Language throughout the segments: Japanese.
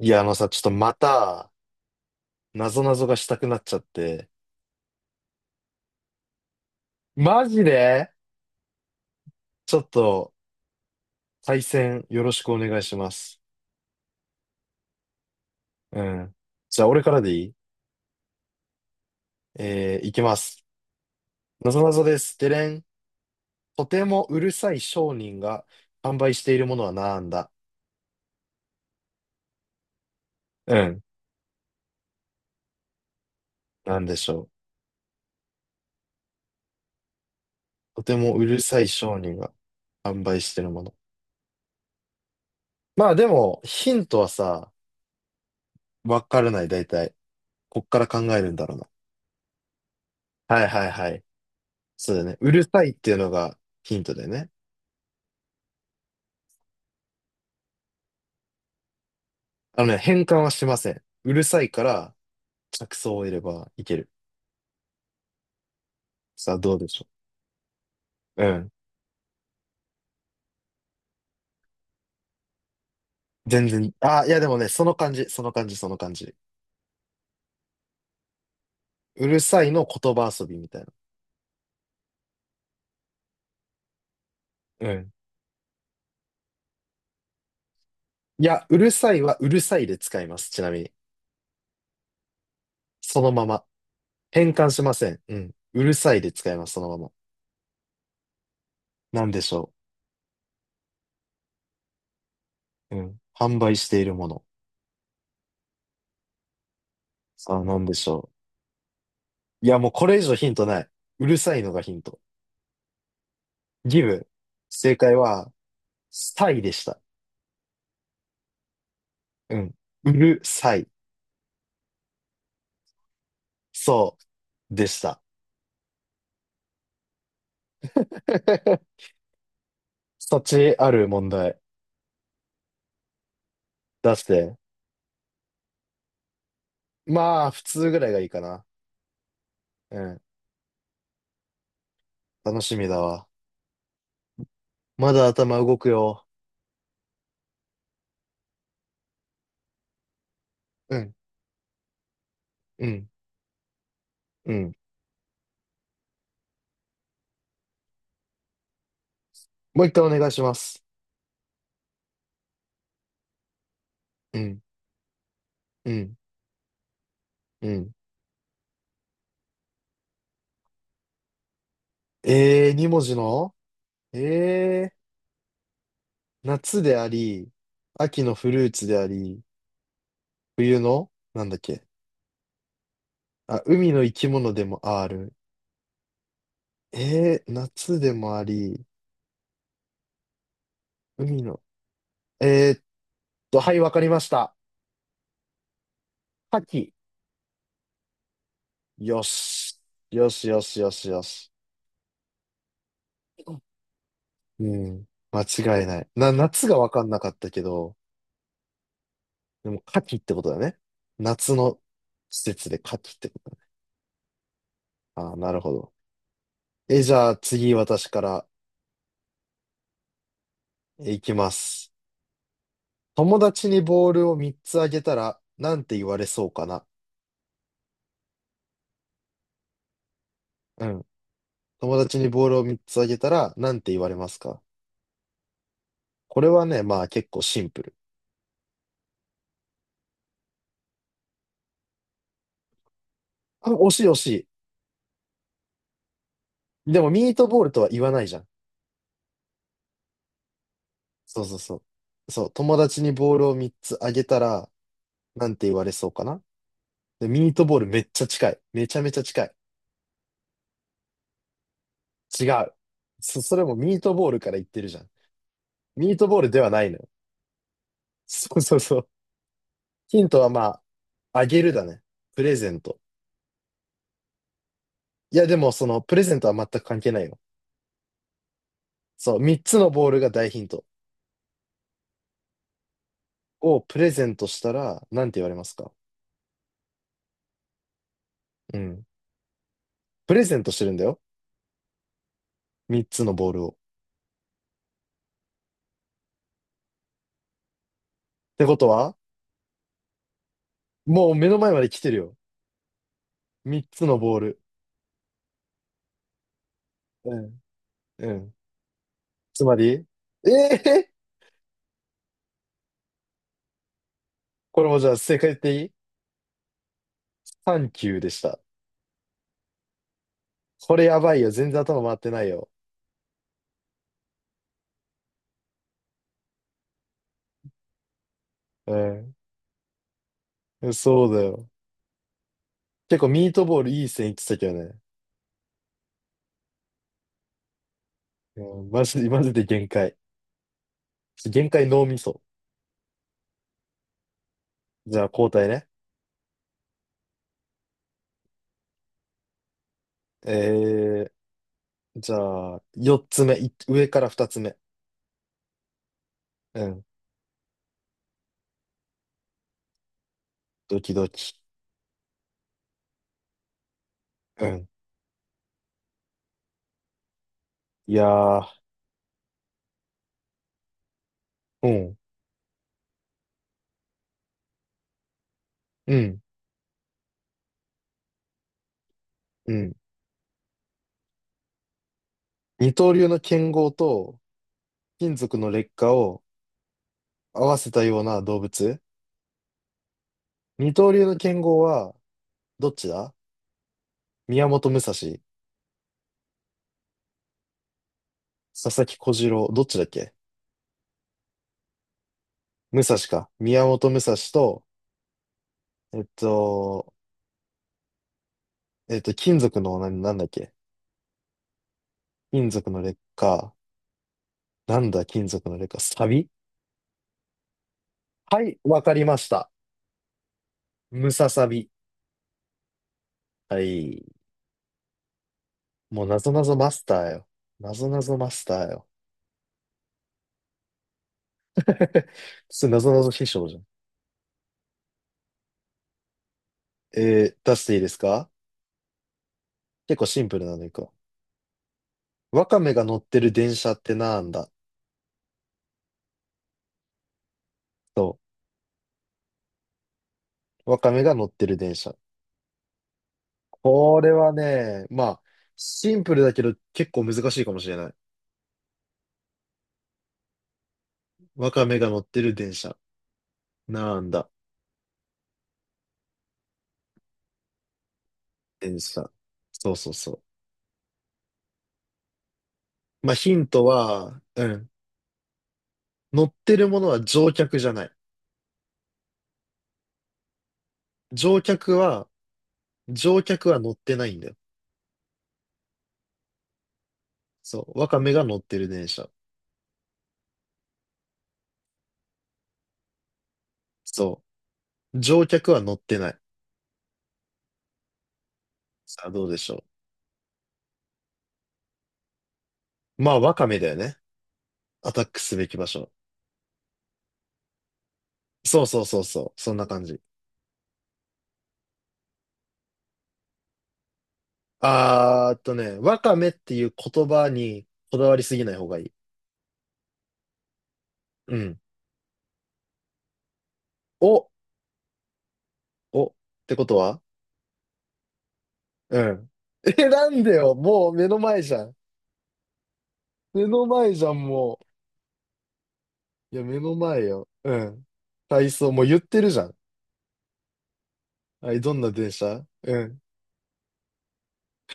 いや、あのさ、ちょっとまた、なぞなぞがしたくなっちゃって、マジでちょっと、対戦よろしくお願いします。うん。じゃあ、俺からでいい？いきます。なぞなぞです。でれん。とてもうるさい商人が販売しているものはなんだ？うん。なんでしょう。とてもうるさい商人が販売しているもの。まあでも、ヒントはさ、わからない、大体。こっから考えるんだろうな。はいはいはい。そうだね。うるさいっていうのがヒントだよね。あのね、変換はしません。うるさいから、着想を得ればいける。さあ、どうでしょう。うん。全然、あ、いやでもね、その感じ、その感じ、その感じ。うるさいの言葉遊びみたいな。うん。いや、うるさいはうるさいで使います。ちなみに。そのまま。変換しません。うん。うるさいで使います。そのまま。なんでしょう。うん。販売しているもの。さあ、なんでしょう。いや、もうこれ以上ヒントない。うるさいのがヒント。ギブ。正解は、サイでした。うん。うるさい。そう、でした。そっちある問題？出して。まあ、普通ぐらいがいいかな。うん。楽しみだわ。まだ頭動くよ。うん、うん、うん。もう一回お願いします。うん、うん、うん。二文字のえー、夏であり、秋のフルーツであり、冬のなんだっけ？あ、海の生き物でもある。夏でもあり、海の。えーっはい、わかりました。牡蠣。よし。よしよしよしよし。うん。間違いない。夏がわかんなかったけど、でも、夏季ってことだね。夏の施設で夏季ってことだ。ああ、なるほど。え、じゃあ次私から？いきます。友達にボールを3つあげたら、なんて言われそうかな。うん。友達にボールを3つあげたら、なんて言われますか？これはね、まあ結構シンプル。あ、惜しい惜しい。でもミートボールとは言わないじゃん。そうそうそう。そう、友達にボールを3つあげたら、なんて言われそうかな。で、ミートボールめっちゃ近い。めちゃめちゃ近い。違う。それもミートボールから言ってるじゃん。ミートボールではないのよ。そうそうそう。ヒントはまあ、あげるだね。プレゼント。いや、でもその、プレゼントは全く関係ないよ。そう、3つのボールが大ヒント。をプレゼントしたら、なんて言われますか？うん。プレゼントしてるんだよ。3つのボールを。ってことは、もう目の前まで来てるよ。3つのボール。うん。つまり、ええ、これもじゃあ正解言っていい？ 3 級でした。これやばいよ。全然頭回ってないよ。うん。そうだよ。結構ミートボールいい線いってたけどね。うん、マジで、マジで限界。限界脳みそ。じゃあ交代ね。えじゃあ、4つ目。上から2つ目。うん。ドキドキ。うん。いやー、うん、うん、うん。二刀流の剣豪と金属の劣化を合わせたような動物？二刀流の剣豪は、どっちだ？宮本武蔵、佐々木小次郎、どっちだっけ？武蔵か。宮本武蔵と、えっと、金属の、なんだっけ？金属の劣化。なんだ、金属の劣化。サビ。はい、わかりました。ムササビ。はい。もう、なぞなぞマスターよ。なぞなぞマスターよ。なぞなぞ師匠じゃん。出していいですか？結構シンプルなのいくわ。わかめが乗ってる電車ってなんだ？そう。わかめが乗ってる電車。これはね、まあ、シンプルだけど結構難しいかもしれない。ワカメが乗ってる電車。なんだ、電車。そうそうそう。まあ、ヒントは、うん。乗ってるものは乗客じゃない。乗客は、乗客は乗ってないんだよ。そう。ワカメが乗ってる電車。そう。乗客は乗ってない。さあ、どうでしょう。まあ、ワカメだよね。アタックすべき場所。そうそうそうそう。そんな感じ。あーっとね、ワカメっていう言葉にこだわりすぎない方がいい。うん。お、ってことは？うん。え、なんでよ、もう目の前じゃん。目の前じゃん、もう。いや、目の前よ。うん。体操、もう言ってるじゃん。はい、どんな電車？うん。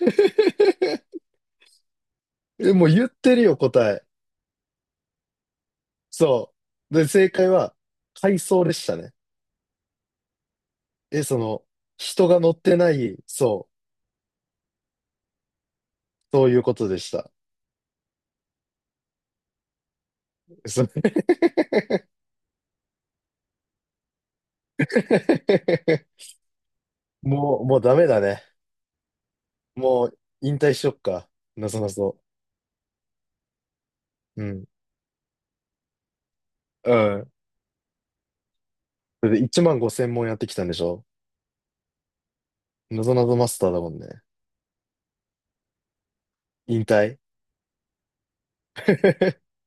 え、もう言ってるよ、答え。そう。で、正解は、回送でしたね。え、その、人が乗ってない、そう、そういうことでした。そう もう、もうダメだね。もう、引退しよっか。なぞなぞ。うん。うん。それで1万5千問やってきたんでしょ？なぞなぞマスターだもんね。引退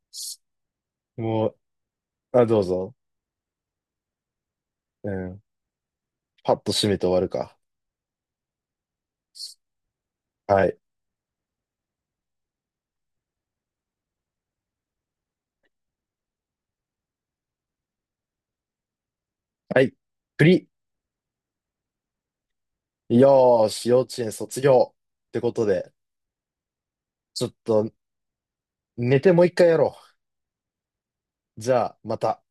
もう、あ、どうぞ。うん。パッと締めて終わるか？はい。はい。プリ。よーし、幼稚園卒業。ってことで、ちょっと寝てもう一回やろう。じゃあ、また。